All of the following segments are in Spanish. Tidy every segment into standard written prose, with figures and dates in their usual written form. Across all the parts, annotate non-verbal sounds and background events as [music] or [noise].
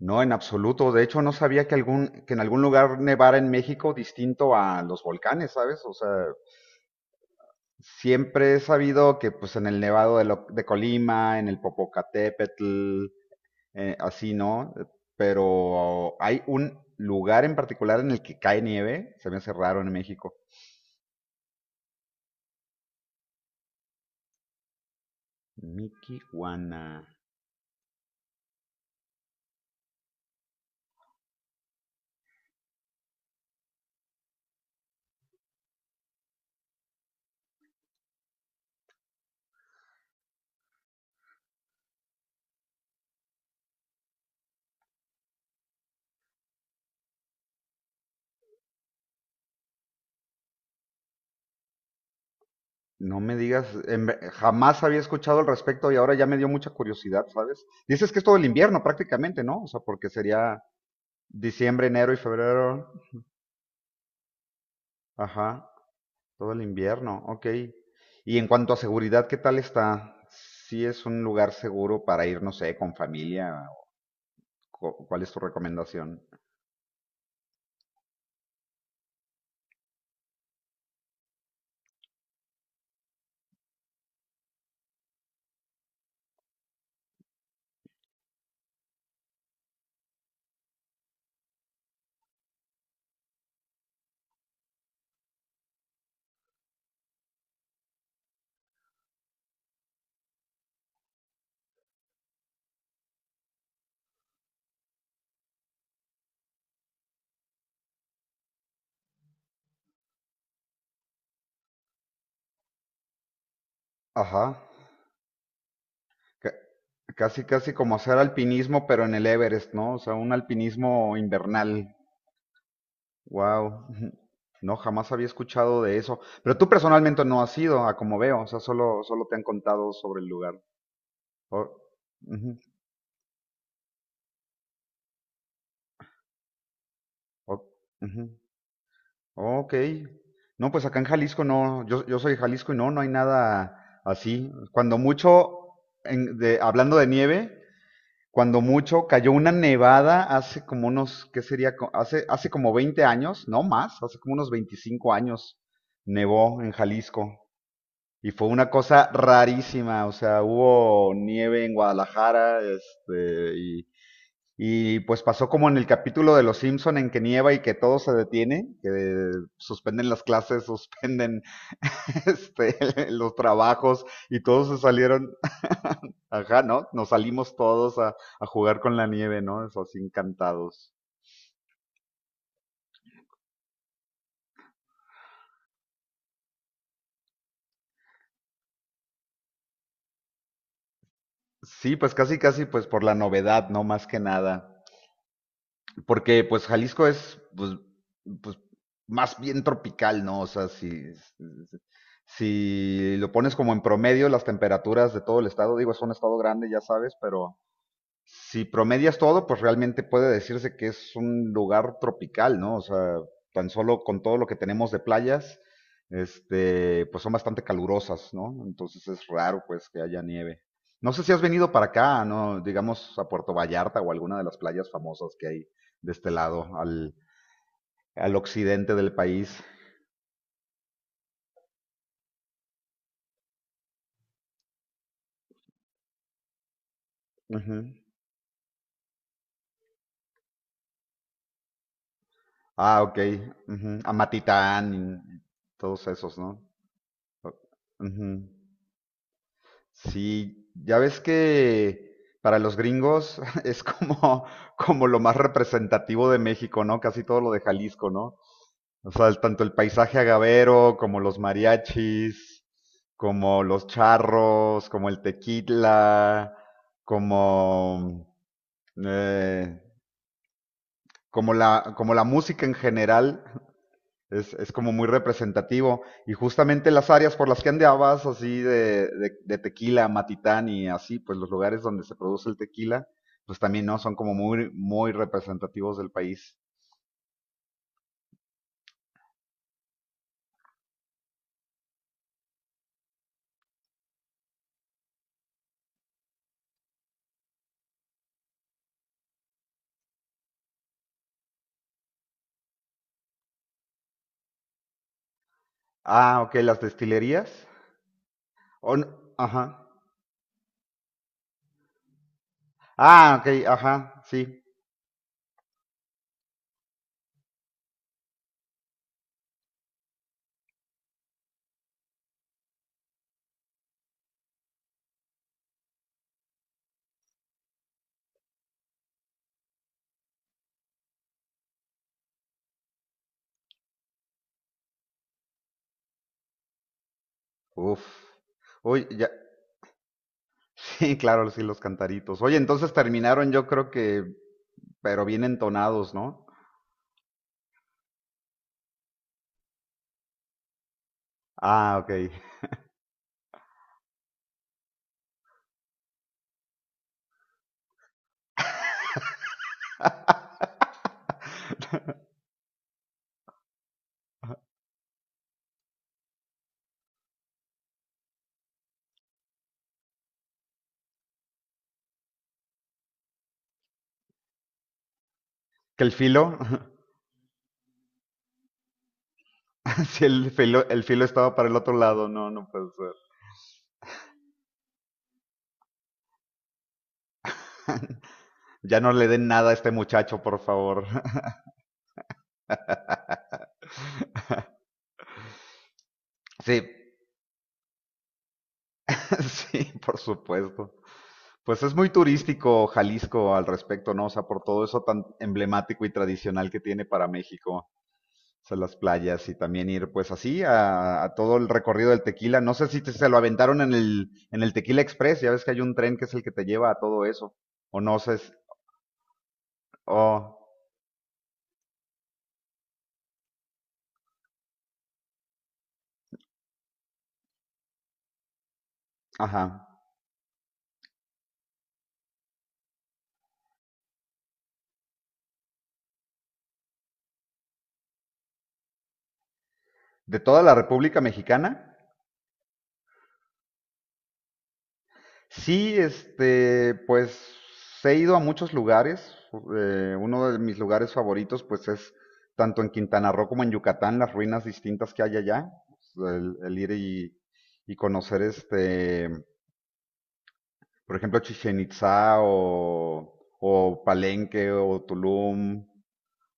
No, en absoluto. De hecho, no sabía que en algún lugar nevara en México distinto a los volcanes, ¿sabes? O sea, siempre he sabido que pues en el de Colima, en el Popocatépetl, así, ¿no? Pero hay un lugar en particular en el que cae nieve, se me hace raro en México. Miquihuana. No me digas, jamás había escuchado al respecto y ahora ya me dio mucha curiosidad, ¿sabes? Dices que es todo el invierno prácticamente, ¿no? O sea, porque sería diciembre, enero y febrero. Ajá, todo el invierno. Ok. Y en cuanto a seguridad, ¿qué tal está? ¿Sí es un lugar seguro para ir, no sé, con familia? ¿Cuál es tu recomendación? Ajá. Ca- Casi, casi como hacer alpinismo, pero en el Everest, ¿no? O sea, un alpinismo invernal. Wow. [laughs] No, jamás había escuchado de eso. Pero tú personalmente no has ido, a como veo. O sea, solo te han contado sobre el lugar. Oh, ujú, oh, ujú. Ok. No, pues acá en Jalisco no, yo soy de Jalisco y no, no hay nada así. Cuando mucho, hablando de nieve, cuando mucho cayó una nevada hace como unos, ¿qué sería? Hace, hace como 20 años, no más, hace como unos 25 años nevó en Jalisco. Y fue una cosa rarísima, o sea, hubo nieve en Guadalajara, este, y pues pasó como en el capítulo de Los Simpson en que nieva y que todo se detiene, que suspenden las clases, suspenden [laughs] este, los trabajos y todos se salieron, [laughs] ajá, ¿no? Nos salimos todos a jugar con la nieve, ¿no? Eso así encantados. Sí, pues casi, casi, pues por la novedad, ¿no? Más que nada, porque pues Jalisco es pues, pues, más bien tropical, ¿no? O sea, si si lo pones como en promedio, las temperaturas de todo el estado, digo, es un estado grande, ya sabes, pero si promedias todo, pues realmente puede decirse que es un lugar tropical, ¿no? O sea, tan solo con todo lo que tenemos de playas, este, pues son bastante calurosas, ¿no? Entonces es raro, pues, que haya nieve. No sé si has venido para acá, ¿no? Digamos a Puerto Vallarta o alguna de las playas famosas que hay de este lado, al occidente del país. Ujú. Ah, ok, ujú. A Matitán y todos esos, ¿no? Ujú. Sí, ya ves que para los gringos [laughs] es como, como lo más representativo de México, ¿no? Casi todo lo de Jalisco, ¿no? O sea, tanto el paisaje agavero, como los mariachis, como los charros, como el tequila, como, eh, como como la música en general. [laughs] Es como muy representativo. Y justamente las áreas por las que andabas, así de tequila, matitán y así, pues los lugares donde se produce el tequila, pues también no son como muy representativos del país. Ah, ok, las destilerías. Oh, no, ajá. Ah, ok, ajá, sí. Uf. Uy, ya. [laughs] Sí, claro, sí, los cantaritos. Oye, entonces terminaron, yo creo que, pero bien entonados, ¿no? Ah, ok. ¿Que el filo? [laughs] [laughs] Si el filo, el filo estaba para el otro lado, no, no puede ser. Ya no le den nada a este muchacho, por favor. [laughs] Sí, [laughs] sí, por supuesto. Pues es muy turístico Jalisco al respecto, ¿no? O sea, por todo eso tan emblemático y tradicional que tiene para México. O sea, las playas y también ir pues así a todo el recorrido del tequila. No sé si te- se lo aventaron en en el Tequila Express, ya ves que hay un tren que es el que te lleva a todo eso. O no sé, o, ajá. ¿De toda la República Mexicana? Sí, este, pues he ido a muchos lugares, uno de mis lugares favoritos, pues es tanto en Quintana Roo como en Yucatán, las ruinas distintas que hay allá. El ir y conocer, este, por ejemplo, Chichén Itzá o Palenque o Tulum.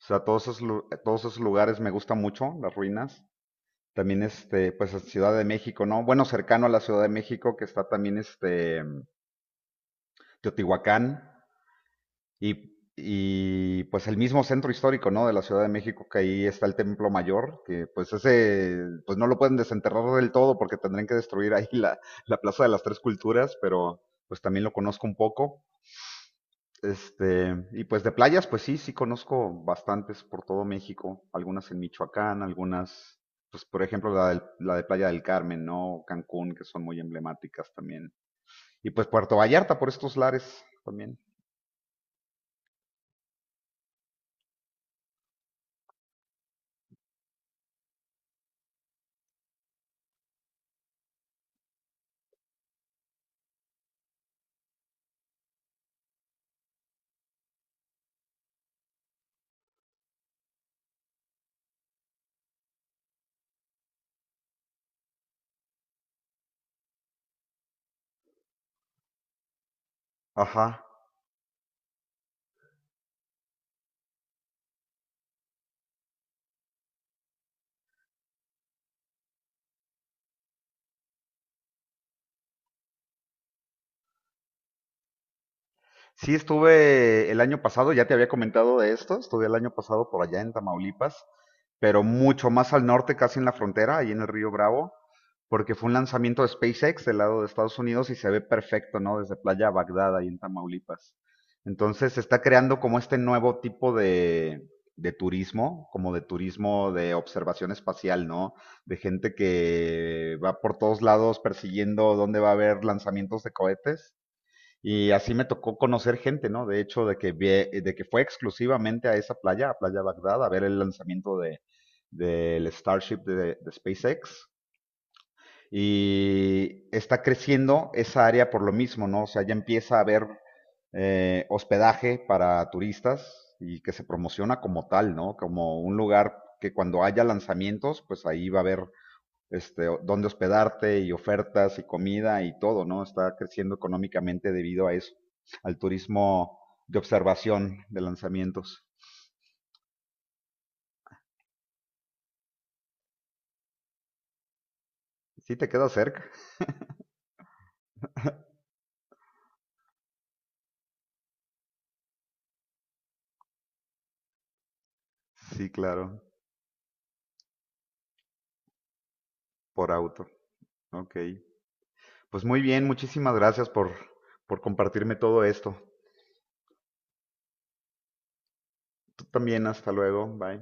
O sea, todos esos lugares me gustan mucho, las ruinas. También, este, pues en Ciudad de México, ¿no? Bueno, cercano a la Ciudad de México, que está también, este, Teotihuacán. Y pues el mismo centro histórico, ¿no? De la Ciudad de México, que ahí está el Templo Mayor, que pues ese, pues no lo pueden desenterrar del todo porque tendrían que destruir ahí la Plaza de las Tres Culturas, pero pues también lo conozco un poco. Este, y pues de playas, pues sí, sí conozco bastantes por todo México, algunas en Michoacán, algunas, pues por ejemplo la de Playa del Carmen, ¿no? Cancún, que son muy emblemáticas también. Y pues Puerto Vallarta por estos lares también. Ajá. Sí, estuve el año pasado, ya te había comentado de esto, estuve el año pasado por allá en Tamaulipas, pero mucho más al norte, casi en la frontera, ahí en el Río Bravo, porque fue un lanzamiento de SpaceX del lado de Estados Unidos y se ve perfecto, ¿no? Desde Playa Bagdad, ahí en Tamaulipas. Entonces se está creando como este nuevo tipo de turismo, como de turismo de observación espacial, ¿no? De gente que va por todos lados persiguiendo dónde va a haber lanzamientos de cohetes y así me tocó conocer gente, ¿no? De hecho, de que fue exclusivamente a esa playa, a Playa Bagdad, a ver el lanzamiento de, del Starship de SpaceX. Y está creciendo esa área por lo mismo, ¿no? O sea, ya empieza a haber hospedaje para turistas y que se promociona como tal, ¿no? Como un lugar que cuando haya lanzamientos, pues ahí va a haber este, dónde hospedarte y ofertas y comida y todo, ¿no? Está creciendo económicamente debido a eso, al turismo de observación de lanzamientos. ¿Sí te queda cerca? Sí, claro, por auto. Ok. Pues muy bien, muchísimas gracias por compartirme todo esto. Tú también, hasta luego, bye.